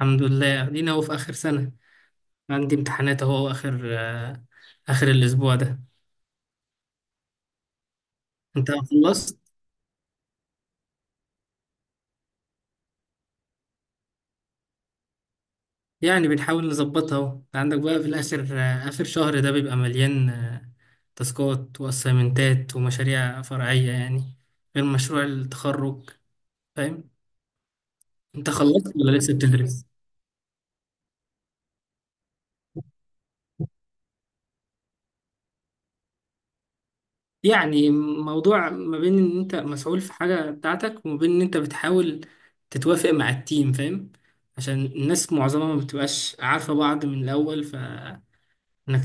الحمد لله، ادينا اهو في اخر سنة. عندي امتحانات اهو اخر الاسبوع ده. انت خلصت؟ يعني بنحاول نظبطها اهو. انت عندك بقى في الاخر، اخر شهر ده بيبقى مليان تاسكات واسايمنتات ومشاريع فرعية، يعني غير مشروع التخرج. فاهم؟ انت خلصت ولا لسه بتدرس؟ يعني موضوع ما بين ان انت مسؤول في حاجة بتاعتك، وما بين ان انت بتحاول تتوافق مع التيم. فاهم؟ عشان الناس معظمها ما بتبقاش عارفة بعض من الاول، فانك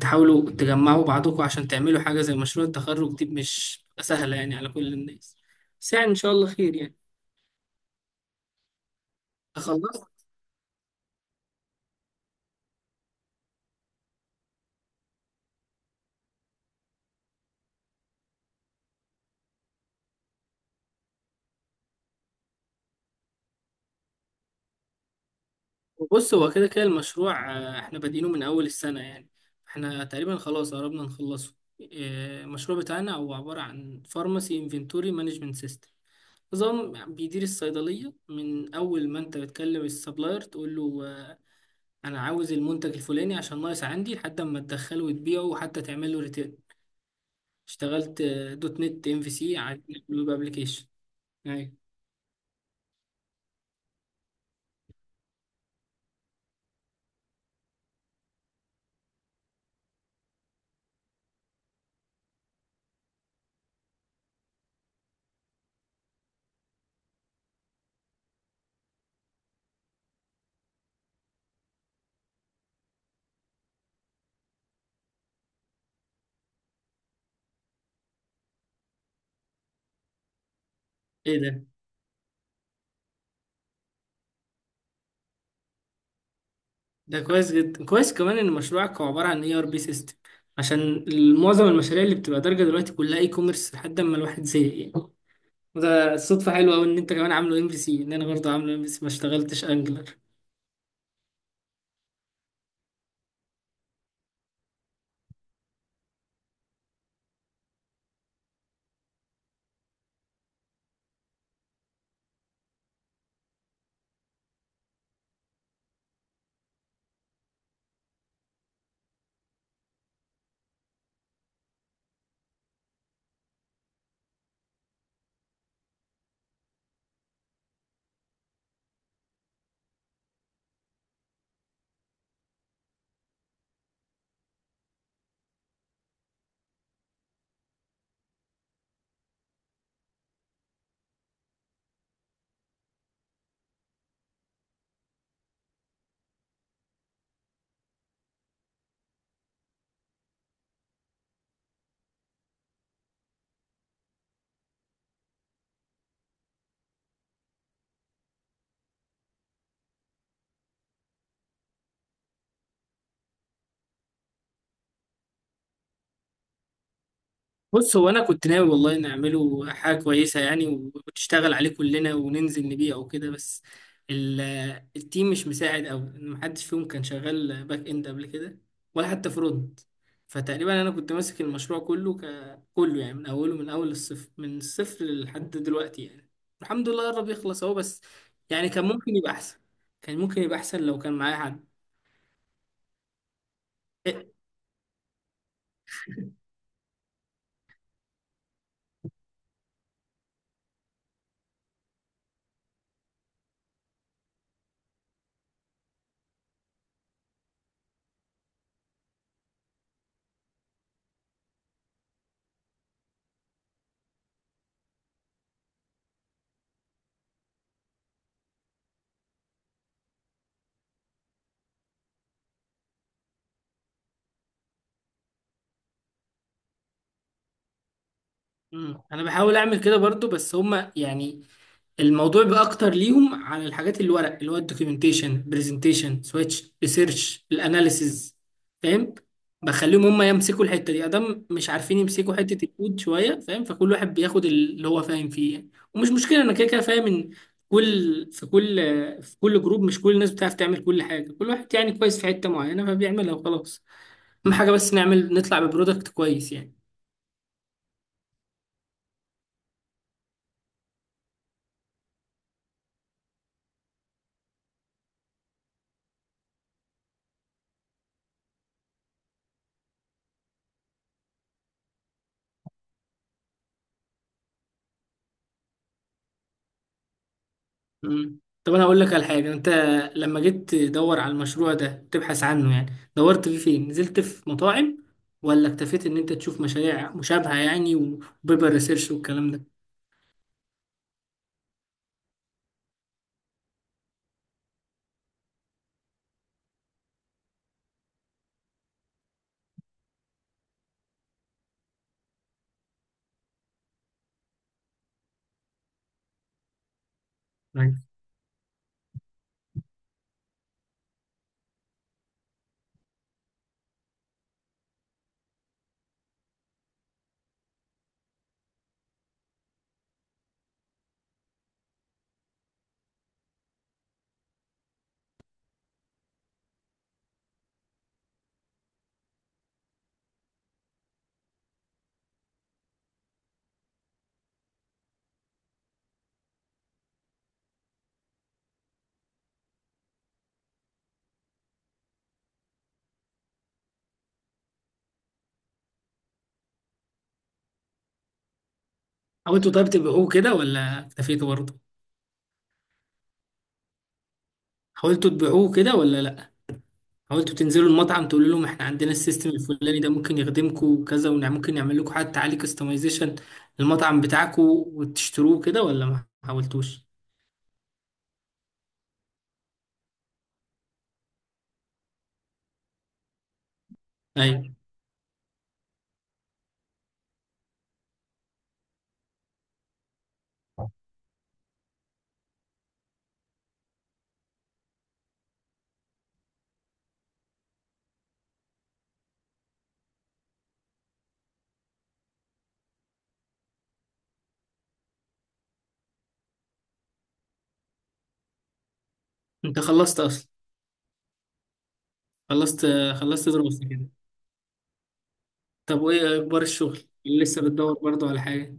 تحاولوا تجمعوا بعضكم عشان تعملوا حاجة زي مشروع التخرج دي مش بتبقى سهلة يعني على كل الناس. بس يعني ان شاء الله خير يعني. خلصت. وبص، هو كده كده المشروع، احنا بادئينه من اول السنة يعني. احنا تقريبا خلاص قربنا نخلصه. المشروع بتاعنا هو عبارة عن فارماسي انفنتوري مانجمنت سيستم. نظام بيدير الصيدلية من أول ما أنت بتكلم السبلاير تقول له أنا عاوز المنتج الفلاني عشان ناقص عندي، لحد ما تدخله وتبيعه وحتى تعمل له ريتيرن. اشتغلت دوت نت ام في سي على الويب ابلكيشن. أيوة. إيه ده؟ ده كويس جدا، كويس كمان إن مشروعك هو عبارة عن اي ار بي سيستم، عشان معظم المشاريع اللي بتبقى دارجة دلوقتي كلها اي كوميرس لحد ما الواحد زهق يعني. وده صدفة حلوة أوي إن أنت كمان عامله ام في سي، إن أنا برضه عامله ام في سي، ما اشتغلتش أنجلر. بص، هو انا كنت ناوي والله نعمله حاجه كويسه يعني، وتشتغل عليه كلنا وننزل نبيع وكده. بس ال- التيم مش مساعد، او محدش فيهم كان شغال باك اند قبل كده، ولا حتى فرونت. فتقريبا انا كنت ماسك المشروع كله كله يعني، من اوله، من الصفر لحد دلوقتي يعني. الحمد لله قرب يخلص اهو. بس يعني كان ممكن يبقى احسن. كان ممكن يبقى احسن لو كان معايا حد. إيه، انا بحاول اعمل كده برضو، بس هما يعني الموضوع بقى اكتر ليهم على الحاجات الورق اللي هو الدوكيومنتيشن، برزنتيشن، سويتش، ريسيرش، الاناليسز. فاهم؟ بخليهم هم يمسكوا الحته دي ادام مش عارفين يمسكوا حته الكود شويه. فاهم؟ فكل واحد بياخد اللي هو فاهم فيه يعني، ومش مشكله، انا كده كده فاهم ان كل في كل في كل جروب مش كل الناس بتعرف تعمل كل حاجه. كل واحد يعني كويس في حته معينه فبيعملها وخلاص. اهم حاجه بس نعمل نطلع ببرودكت كويس يعني. طب انا هقول لك على حاجه. انت لما جيت تدور على المشروع ده تبحث عنه يعني، دورت فيه فين؟ نزلت في مطاعم ولا اكتفيت ان انت تشوف مشاريع مشابهه يعني وبيبر ريسيرش والكلام ده؟ أيوة. حاولتوا طيب تبيعوه كده ولا اكتفيتوا برضه؟ حاولتوا تبيعوه كده ولا لا؟ حاولتوا تنزلوا المطعم تقولوا لهم احنا عندنا السيستم الفلاني ده ممكن يخدمكم وكذا، وممكن نعمل لكم حتى عليه كستمايزيشن للمطعم بتاعكم، وتشتروه كده ولا ما حاولتوش؟ ايوه. انت خلصت اصلا؟ خلصت. خلصت دراسة كده؟ طب وايه اخبار الشغل؟ لسه بتدور برضو على حاجه؟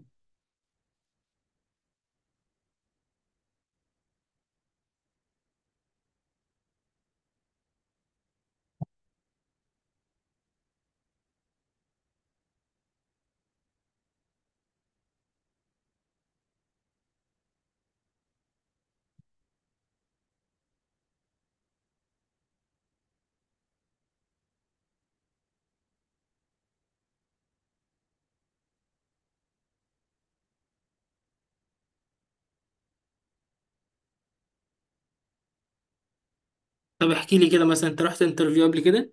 طب احكي لي كده مثلا، انت رحت انترفيو قبل كده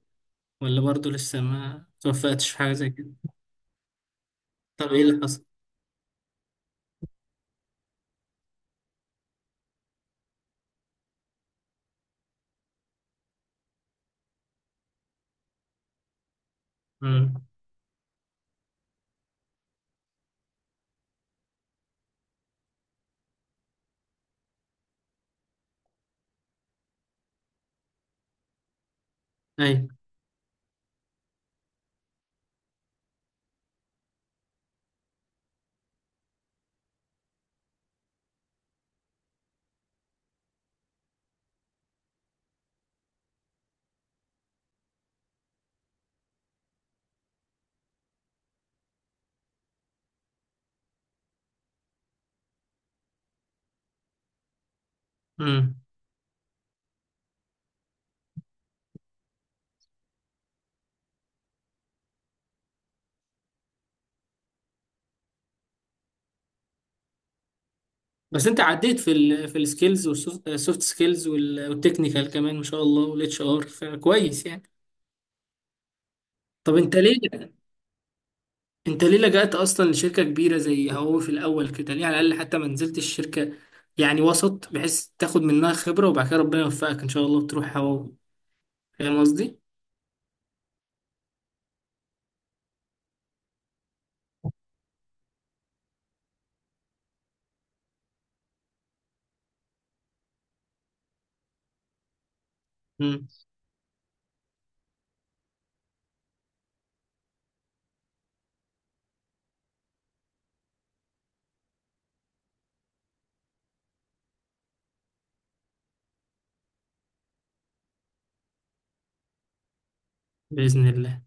ولا برضو لسه ما توفقتش في حاجه زي كده؟ طب ايه اللي حصل؟ امم. ايوه. امم. بس انت عديت في ال في السكيلز والسوفت سكيلز والتكنيكال كمان ما شاء الله والاتش ار. فكويس يعني. طب انت ليه؟ انت ليه لجأت اصلا لشركه كبيره زي هواوي في الاول كده؟ ليه على الاقل حتى ما نزلتش شركه يعني وسط بحيث تاخد منها خبره، وبعد كده ربنا يوفقك ان شاء الله وتروح هواوي؟ فاهم قصدي. بإذن الله.